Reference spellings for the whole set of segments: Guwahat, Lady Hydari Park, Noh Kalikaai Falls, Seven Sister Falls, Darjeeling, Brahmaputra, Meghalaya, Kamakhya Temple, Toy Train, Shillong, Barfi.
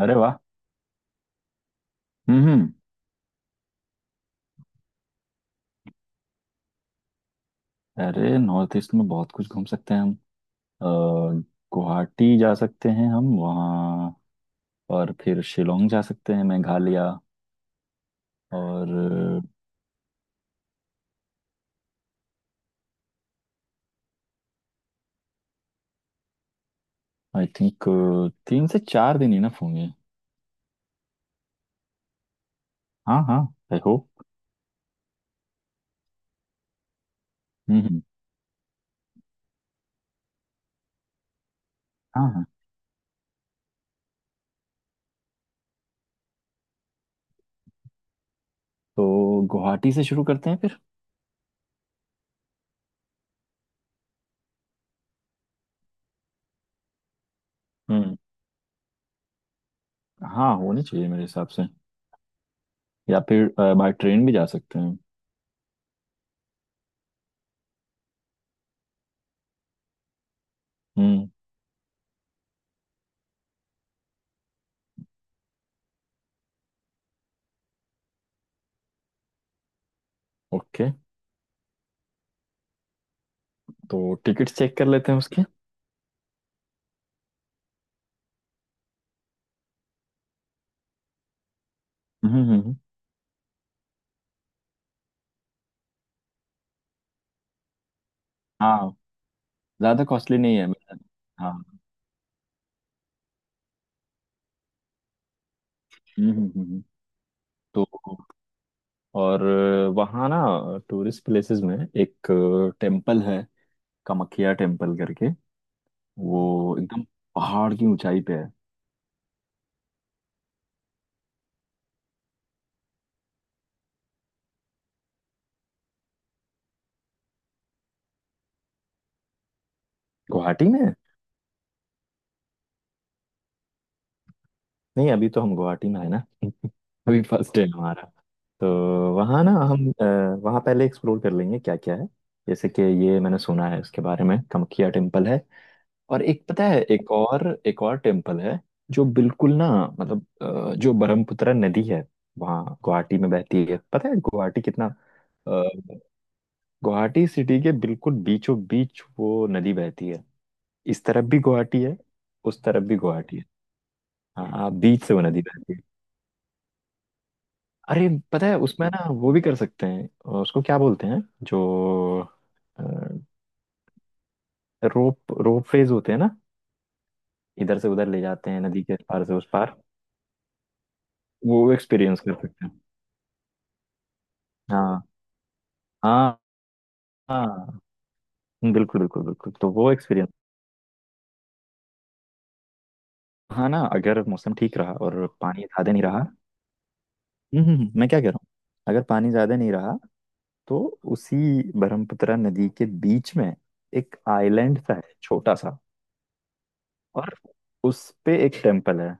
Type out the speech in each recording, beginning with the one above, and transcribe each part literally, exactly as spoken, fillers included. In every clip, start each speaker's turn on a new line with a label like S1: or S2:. S1: अरे वाह। हम्म। अरे नॉर्थ ईस्ट में बहुत कुछ घूम सकते हैं हम। अ, गुवाहाटी जा सकते हैं हम वहाँ। और फिर शिलोंग जा सकते हैं मेघालय। और आई थिंक तीन से चार दिन इनफ होंगे। हाँ हाँ, आई होप। हम्म हम्म, हाँ हाँ। तो गुवाहाटी से शुरू करते हैं फिर। हम्म। हाँ, होनी चाहिए मेरे हिसाब से। या फिर बाय ट्रेन भी जा सकते हैं। हम्म। ओके, तो टिकट्स चेक कर लेते हैं उसके। हम्म हम्म हम्म, हाँ, ज़्यादा कॉस्टली नहीं है। हाँ। हम्म हम्म, हम्म। हम्म। तो और वहाँ ना टूरिस्ट प्लेसेस में एक टेम्पल है, कामाख्या टेम्पल करके। वो एकदम पहाड़ की ऊंचाई पे है। गुवाहाटी में है? नहीं, अभी तो हम गुवाहाटी में है ना। अभी फर्स्ट डे हमारा। तो वहाँ ना हम अ, वहाँ पहले एक्सप्लोर कर लेंगे क्या क्या है। जैसे कि ये मैंने सुना है इसके बारे में, कामाख्या टेम्पल है। और एक पता है, एक और एक और टेम्पल है जो बिल्कुल ना, मतलब अ, जो ब्रह्मपुत्र नदी है, वहाँ गुवाहाटी में बहती है। पता है गुवाहाटी कितना अ, गुवाहाटी सिटी के बिल्कुल बीचों बीच वो नदी बहती है। इस तरफ भी गुवाहाटी है, उस तरफ भी गुवाहाटी है। हाँ हाँ, बीच से वो नदी बहती है। अरे पता है उसमें ना वो भी कर सकते हैं, अ, उसको क्या बोलते हैं जो रोप रोप फेज होते हैं ना, इधर से उधर ले जाते हैं नदी के पार से उस पार। वो एक्सपीरियंस कर सकते हैं। हाँ, हाँ हाँ। बिल्कुल बिल्कुल बिल्कुल, तो वो एक्सपीरियंस। हाँ ना, अगर मौसम ठीक रहा और पानी ज्यादा नहीं रहा। हम्म हम्म, हम्म, मैं क्या कह रहा हूँ, अगर पानी ज्यादा नहीं रहा तो उसी ब्रह्मपुत्र नदी के बीच में एक आइलैंड सा है, छोटा सा। और उस पे एक टेम्पल है।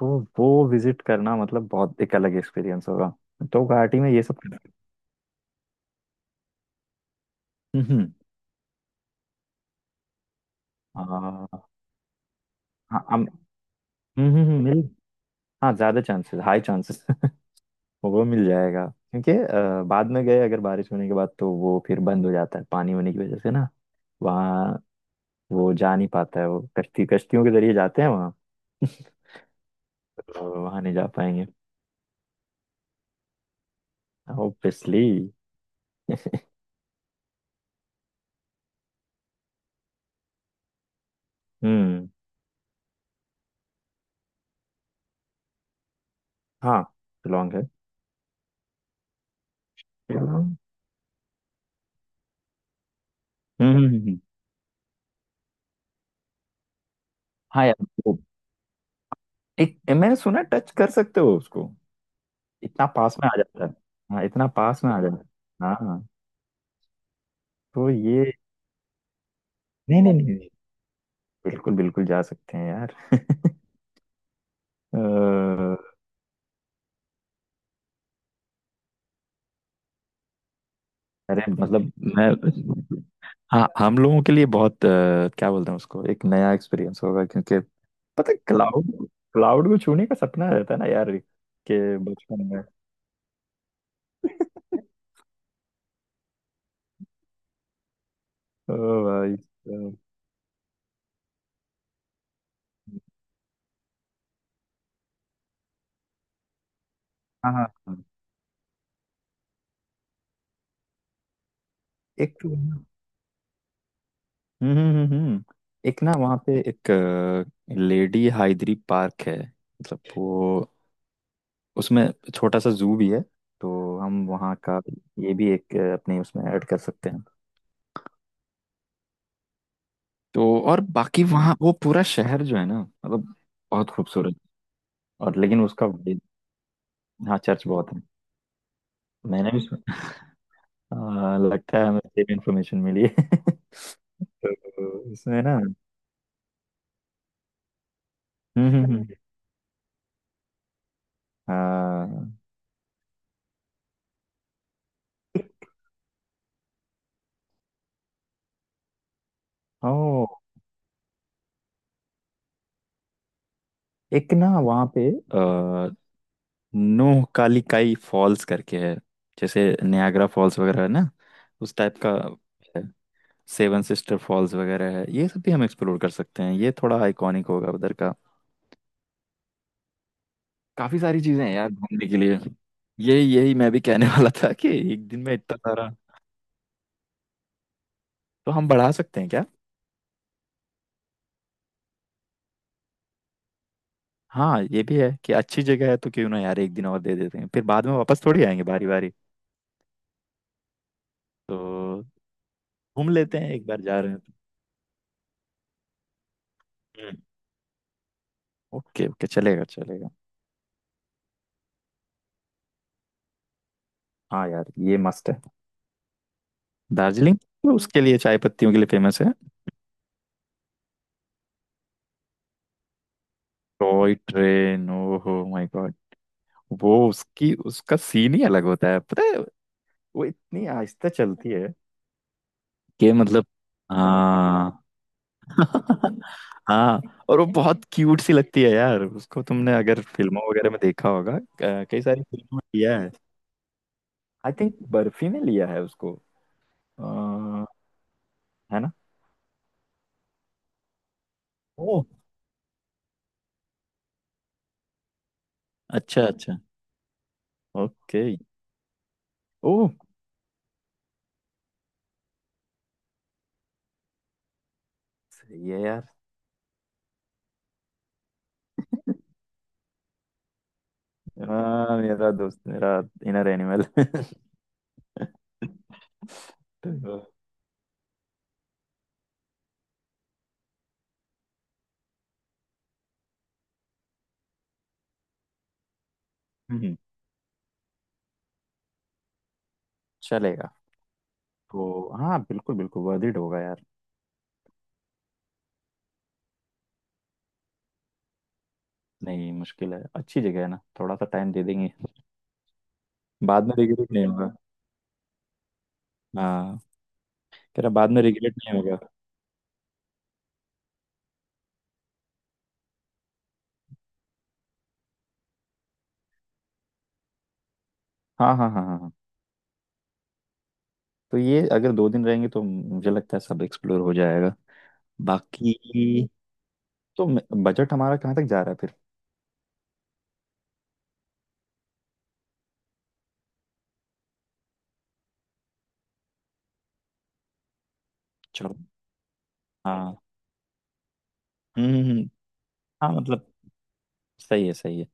S1: तो वो विजिट करना मतलब बहुत एक अलग एक्सपीरियंस होगा। तो गुवाहाटी में ये सब। हम्म हम्म, आ, हाँ हम- हम्म हम्म हम्म, मेरी- हाँ, ज्यादा चांसेस, हाई चांसेस। वो मिल जाएगा, क्योंकि अ, बाद में गए अगर बारिश होने के बाद, तो वो फिर बंद हो जाता है पानी होने की वजह से ना। वहाँ वो जा नहीं पाता है, वो कश्ती कश्तियों के जरिए जाते हैं वहाँ। तो वहाँ नहीं जा पाएंगे। ऑब्वियसली। हम्म। हाँ, शिलोंग है। शिलोंग। हम्म हम्म, हम्म, हम्म। हाँ यार, वो एक मैंने सुना टच कर सकते हो उसको, इतना पास में आ जाता है। हाँ, इतना पास में आ जाता है। हाँ हाँ, तो ये नहीं नहीं नहीं नहीं, बिल्कुल बिल्कुल जा सकते हैं यार। अ, अरे मतलब मैं, हाँ, हम लोगों के लिए बहुत अ, क्या बोलते हैं उसको, एक नया एक्सपीरियंस होगा। क्योंकि पता है क्लाउड क्लाउड को छूने का सपना रहता है ना यार, के बचपन में। ओ भाई साहब। हाँ हाँ हाँ। एक तो वहाँ- हम्म हम्म हम्म हम्म। एक ना वहाँ पे एक लेडी हाइद्री पार्क है, मतलब वो उसमें छोटा सा जू भी है। तो हम वहाँ का ये भी एक, अ, अपने उसमें ऐड कर सकते हैं। तो और बाकी वहाँ वो पूरा शहर जो है ना मतलब, बहुत खूबसूरत। और लेकिन उसका, हाँ चर्च बहुत है। मैंने भी सुन- आ, लगता है हमें सेम इन्फॉर्मेशन मिली है। तो इसमें ना। हम्म हम्म हम्म, हाँ। ओ, एक ना वहाँ पे आ, नोह कालिकाई फॉल्स करके है, जैसे नियाग्रा फॉल्स वगैरह है ना, उस टाइप का है। सेवन सिस्टर फॉल्स वगैरह है, ये सब भी हम एक्सप्लोर कर सकते हैं। ये थोड़ा आइकॉनिक होगा उधर का। काफी सारी चीजें हैं यार घूमने के लिए। यही यही मैं भी कहने वाला था कि एक दिन में इतना सारा, तो हम बढ़ा सकते हैं क्या। हाँ ये भी है कि अच्छी जगह है, तो क्यों ना यार एक दिन और दे देते हैं। फिर बाद में वापस थोड़ी आएंगे बारी बारी। तो घूम लेते हैं, एक बार जा रहे हैं। तो हम्म। ओके ओके, चलेगा चलेगा। हाँ यार, ये मस्त है। दार्जिलिंग तो उसके लिए, चाय पत्तियों के लिए फेमस है। टॉय ट्रेन, ओहो माय गॉड। वो उसकी उसका सीन ही अलग होता है पता है। वो इतनी आहिस्ता चलती है कि मतलब, हाँ। हाँ, और वो बहुत क्यूट सी लगती है यार। उसको तुमने अगर फिल्मों वगैरह में देखा होगा। अ, कई सारी फिल्मों में लिया है। आई थिंक बर्फी ने लिया है उसको। अ, है ना। ओह अच्छा अच्छा। ओके। ओह, सही है यार। हाँ मेरा दोस्त, मेरा इनर एनिमल। तो हम्म, चलेगा। तो हाँ, बिल्कुल बिल्कुल वर्थ इट होगा यार। नहीं मुश्किल है, अच्छी जगह है ना, थोड़ा सा टाइम दे देंगे। बाद में रिग्रेट नहीं होगा। हाँ, कह रहा बाद में रिग्रेट नहीं होगा। हाँ हाँ हाँ हाँ हाँ। तो ये अगर दो दिन रहेंगे तो मुझे लगता है सब एक्सप्लोर हो जाएगा बाकी। तो बजट हमारा कहाँ तक जा रहा है फिर। चलो, हाँ। हम्म हम्म, हम्म, हाँ मतलब, सही है सही है।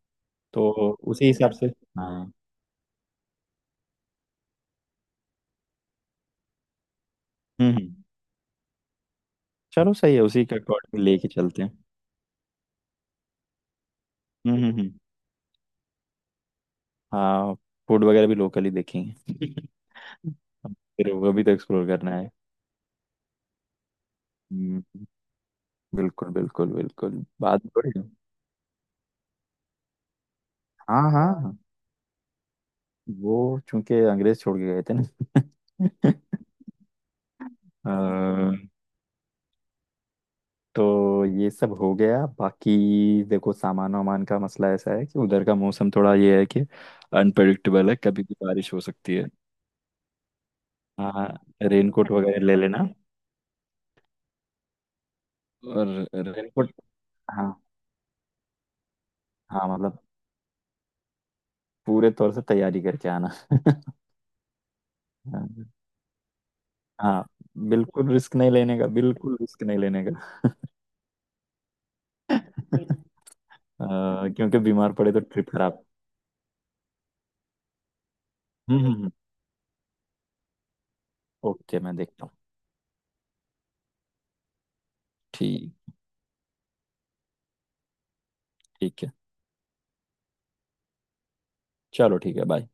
S1: तो उसी हिसाब से। हाँ। हम्म हम्म, चलो सही है, उसी का अकॉर्डिंग लेके चलते हैं। हम्म हम्म हम्म, हाँ। फूड वगैरह भी लोकल ही देखेंगे। फिर वो भी तो एक्सप्लोर करना है। हम्म, बिल्कुल बिल्कुल बिल्कुल बात बड़ी। हाँ हाँ, वो चूंकि अंग्रेज छोड़ के गए थे ना। अ, तो ये सब हो गया बाकी। देखो, सामान वामान का मसला ऐसा है कि उधर का मौसम थोड़ा ये है कि अनप्रडिक्टेबल है, कभी भी बारिश हो सकती है। हाँ, रेनकोट वगैरह ले लेना। और रेनकोट हाँ, हाँ मतलब, पूरे तौर से तैयारी करके आना। हाँ हाँ, बिल्कुल रिस्क नहीं लेने का, बिल्कुल रिस्क नहीं लेने का। अ, क्योंकि बीमार पड़े तो ट्रिप खराब। हम्म। ओके, मैं देखता हूँ। ठीक, ठीक है। चलो ठीक है, बाय।